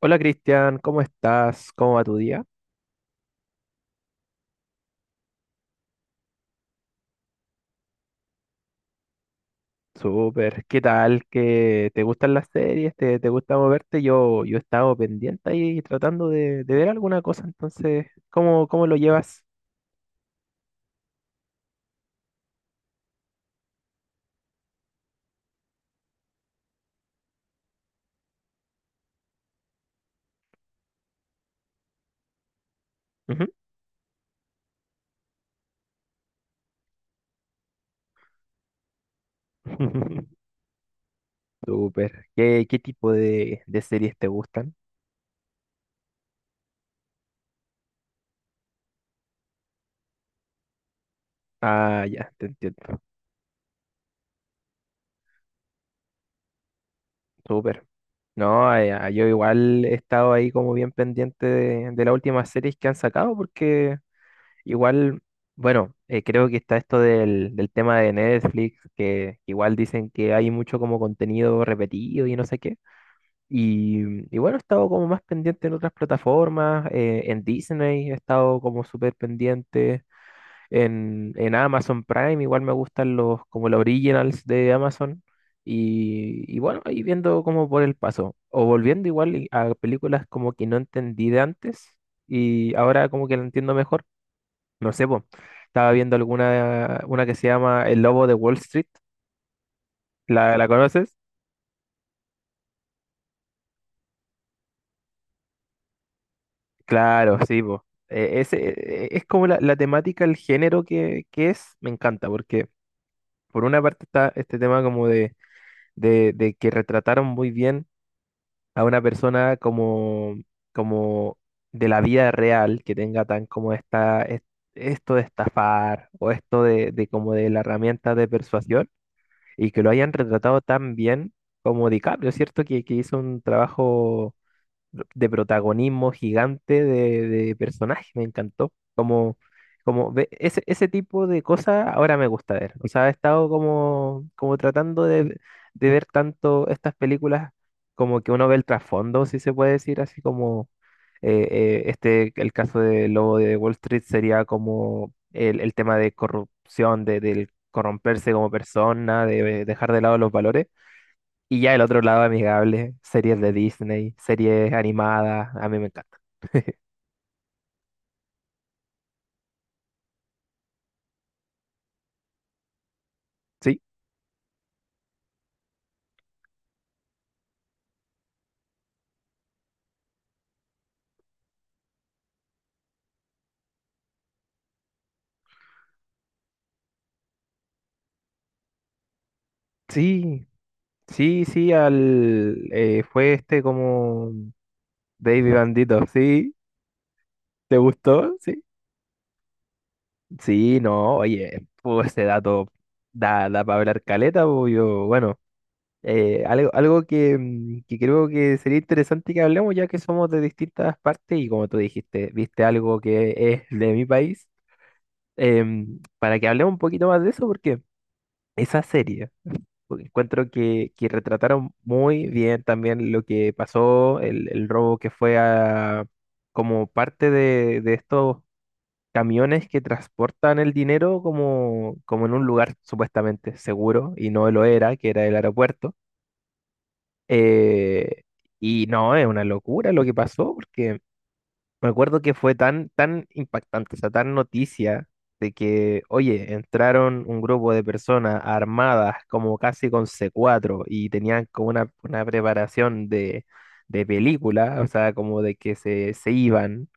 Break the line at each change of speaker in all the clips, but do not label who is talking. Hola Cristian, ¿cómo estás? ¿Cómo va tu día? Súper, ¿qué tal? ¿Qué te gustan las series? ¿Te gusta moverte? Yo he estado pendiente ahí tratando de ver alguna cosa, entonces, ¿cómo lo llevas? Ujú. Súper, ¿qué tipo de series te gustan? Ah, ya, te entiendo. Súper. No, ah, yo igual he estado ahí como bien pendiente de las últimas series que han sacado porque... Igual, bueno, creo que está esto del tema de Netflix, que igual dicen que hay mucho como contenido repetido y no sé qué. Y bueno, he estado como más pendiente en otras plataformas, en Disney he estado como súper pendiente, en Amazon Prime igual me gustan los como los originals de Amazon. Y bueno, ahí viendo como por el paso, o volviendo igual a películas como que no entendí de antes y ahora como que la entiendo mejor. No sé, po. Estaba viendo una que se llama El Lobo de Wall Street. ¿La conoces? Claro, sí, po. Es como la temática, el género que es, me encanta, porque por una parte está este tema como de que retrataron muy bien a una persona como de la vida real, que tenga tan como esto de estafar o esto de como de la herramienta de persuasión, y que lo hayan retratado tan bien como DiCaprio, ¿cierto? Que hizo un trabajo de protagonismo gigante de personaje, me encantó. Ese tipo de cosas ahora me gusta ver. O sea, he estado como tratando de ver tanto estas películas como que uno ve el trasfondo, si se puede decir, así como el caso de Lobo de Wall Street sería como el tema de corrupción, del corromperse como persona, de dejar de lado los valores. Y ya el otro lado amigable, series de Disney, series animadas, a mí me encanta. Sí, sí, sí, sí, fue este como Baby Bandito, ¿sí? ¿Te gustó? Sí. Sí, no, oye, pues ese dato da para hablar caleta, pues yo, bueno. Algo que, que creo que sería interesante que hablemos, ya que somos de distintas partes y como tú dijiste, viste algo que es de mi país, para que hablemos un poquito más de eso, porque esa serie, porque encuentro que retrataron muy bien también lo que pasó, el robo que fue como parte de estos camiones que transportan el dinero como en un lugar supuestamente seguro, y no lo era, que era el aeropuerto. Eh, y no, es una locura lo que pasó, porque me acuerdo que fue tan, tan impactante, o sea, tan noticia de que, oye, entraron un grupo de personas armadas como casi con C4 y tenían como una preparación de película, o sea, como de que se iban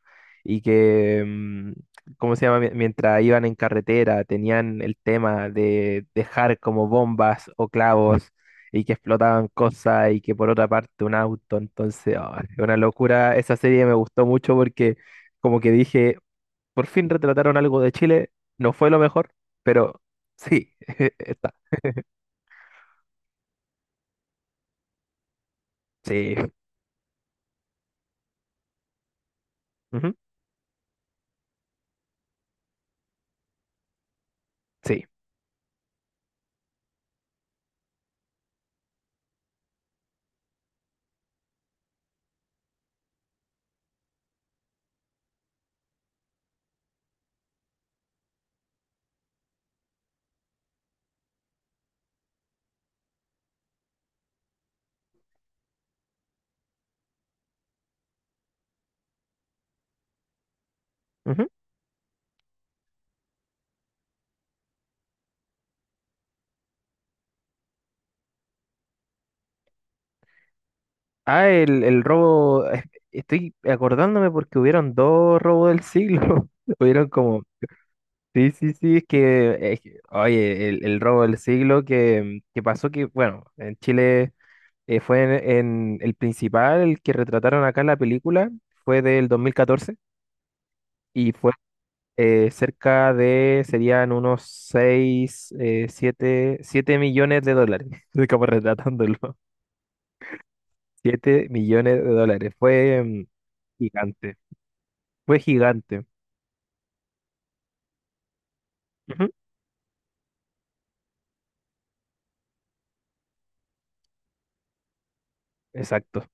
y que, ¿cómo se llama? Mientras iban en carretera, tenían el tema de dejar como bombas o clavos y que explotaban cosas y que por otra parte un auto, entonces, es una locura. Esa serie me gustó mucho porque como que dije, por fin retrataron algo de Chile, no fue lo mejor, pero sí, está, sí, ujú, sí. Ujú. Ah, el robo, estoy acordándome porque hubieron dos robos del siglo, hubieron como... Sí, sí, sí, oye, el robo del siglo que pasó que, bueno, en Chile. Fue el principal, el que retrataron acá en la película, fue del 2014 y fue serían unos 6, siete millones de dólares, estoy como retratándolo. 7 millones de dólares, fue gigante, fue gigante. Ujú. Exacto.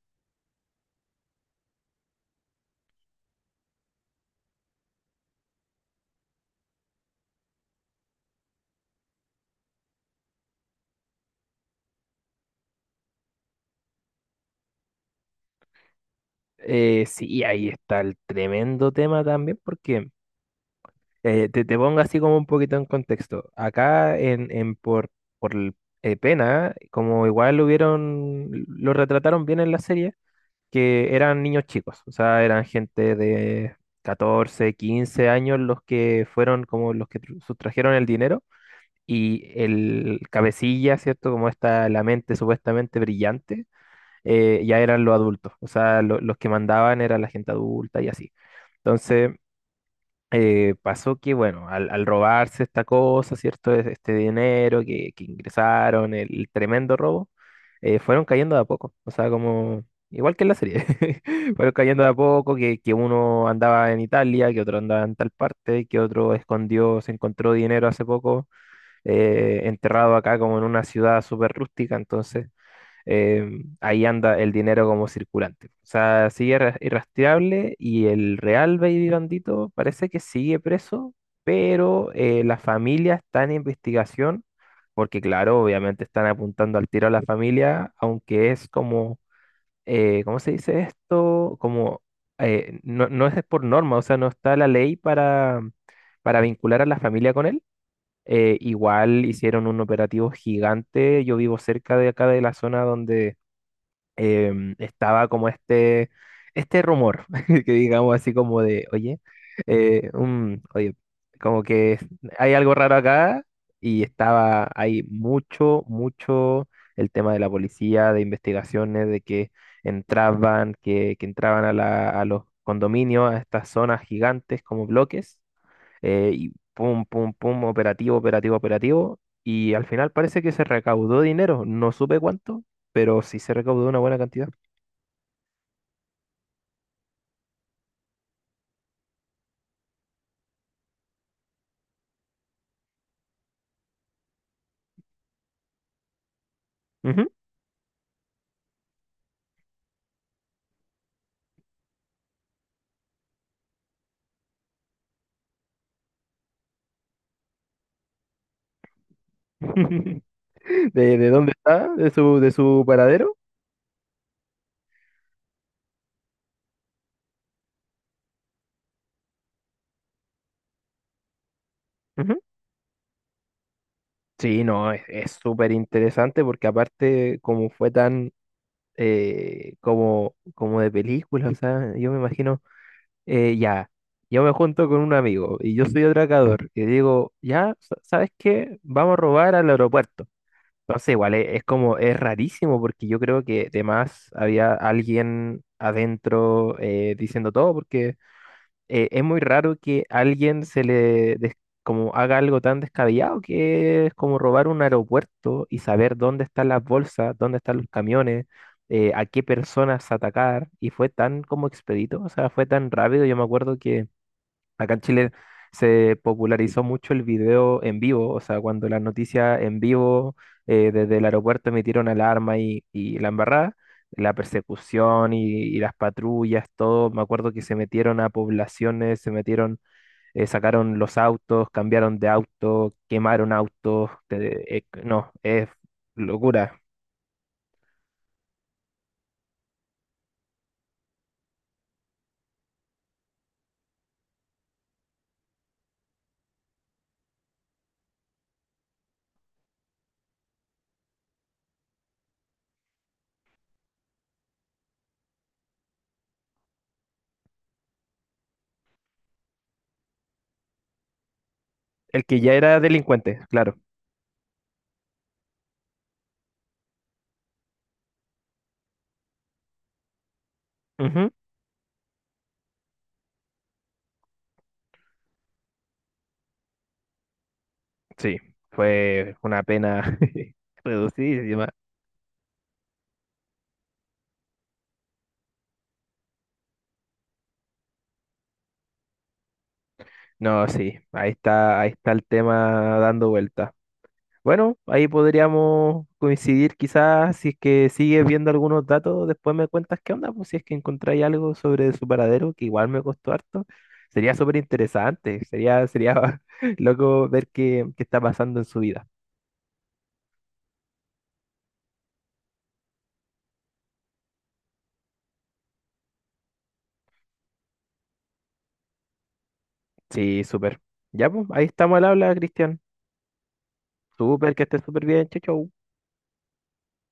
Sí, ahí está el tremendo tema también, porque te pongo así como un poquito en contexto. Acá en por el- pena, como igual lo hubieron, lo retrataron bien en la serie, que eran niños chicos, o sea, eran gente de 14 15 años los que fueron como los que sustrajeron el dinero y el cabecilla, ¿cierto? Como la mente supuestamente brillante, ya eran los adultos, o sea, los que mandaban era la gente adulta y así. Entonces pasó que, bueno, al robarse esta cosa, ¿cierto? Este dinero que ingresaron, el tremendo robo, fueron cayendo de a poco. O sea, como, igual que en la serie, fueron cayendo de a poco, que uno andaba en Italia, que otro andaba en tal parte, que otro escondió, se encontró dinero hace poco, enterrado acá como en una ciudad súper rústica. Entonces, eh, ahí anda el dinero como circulante. O sea, sigue irrastreable y el real Baby Bandito parece que sigue preso, pero la familia está en investigación, porque claro, obviamente están apuntando al tiro a la familia, aunque es como, ¿cómo se dice esto? Como, no, no es por norma, o sea, no está la ley para, vincular a la familia con él. Igual hicieron un operativo gigante. Yo vivo cerca de acá de la zona donde estaba como este rumor, que digamos así como de, oye, oye, como que hay algo raro acá y estaba ahí mucho, mucho el tema de la policía, de investigaciones, de que entraban, que entraban a los condominios, a estas zonas gigantes como bloques, y pum, pum, pum, operativo, operativo, operativo. Y al final parece que se recaudó dinero, no supe cuánto, pero sí se recaudó una buena cantidad. Ujú. ¿De dónde está? ¿De su paradero? Ujú. Sí, no, es súper interesante porque aparte como fue tan como de película, o sea, yo me imagino, ya, yo me junto con un amigo y yo soy atracador y digo, ya, ¿sabes qué? Vamos a robar al aeropuerto. Entonces, igual es, como, es rarísimo porque yo creo que además había alguien adentro, diciendo todo, porque es muy raro que alguien como haga algo tan descabellado, que es como robar un aeropuerto y saber dónde están las bolsas, dónde están los camiones, a qué personas atacar, y fue tan como expedito, o sea, fue tan rápido, yo me acuerdo que acá en Chile se popularizó mucho el video en vivo, o sea, cuando las noticias en vivo, desde el aeropuerto emitieron alarma, y la embarrada, la persecución, y las patrullas, todo, me acuerdo que se metieron a poblaciones, se metieron, sacaron los autos, cambiaron de auto, quemaron autos, no, es locura. El que ya era delincuente, claro. Ujú, sí, fue una pena reducidísima. No, sí, ahí está el tema dando vuelta. Bueno, ahí podríamos coincidir quizás si es que sigues viendo algunos datos, después me cuentas qué onda, pues si es que encontráis algo sobre su paradero, que igual me costó harto, sería súper interesante, sería, loco ver qué está pasando en su vida. Sí, súper. Ya, pues, ahí estamos al habla, Cristian. Súper, que estés súper bien, chau, chau.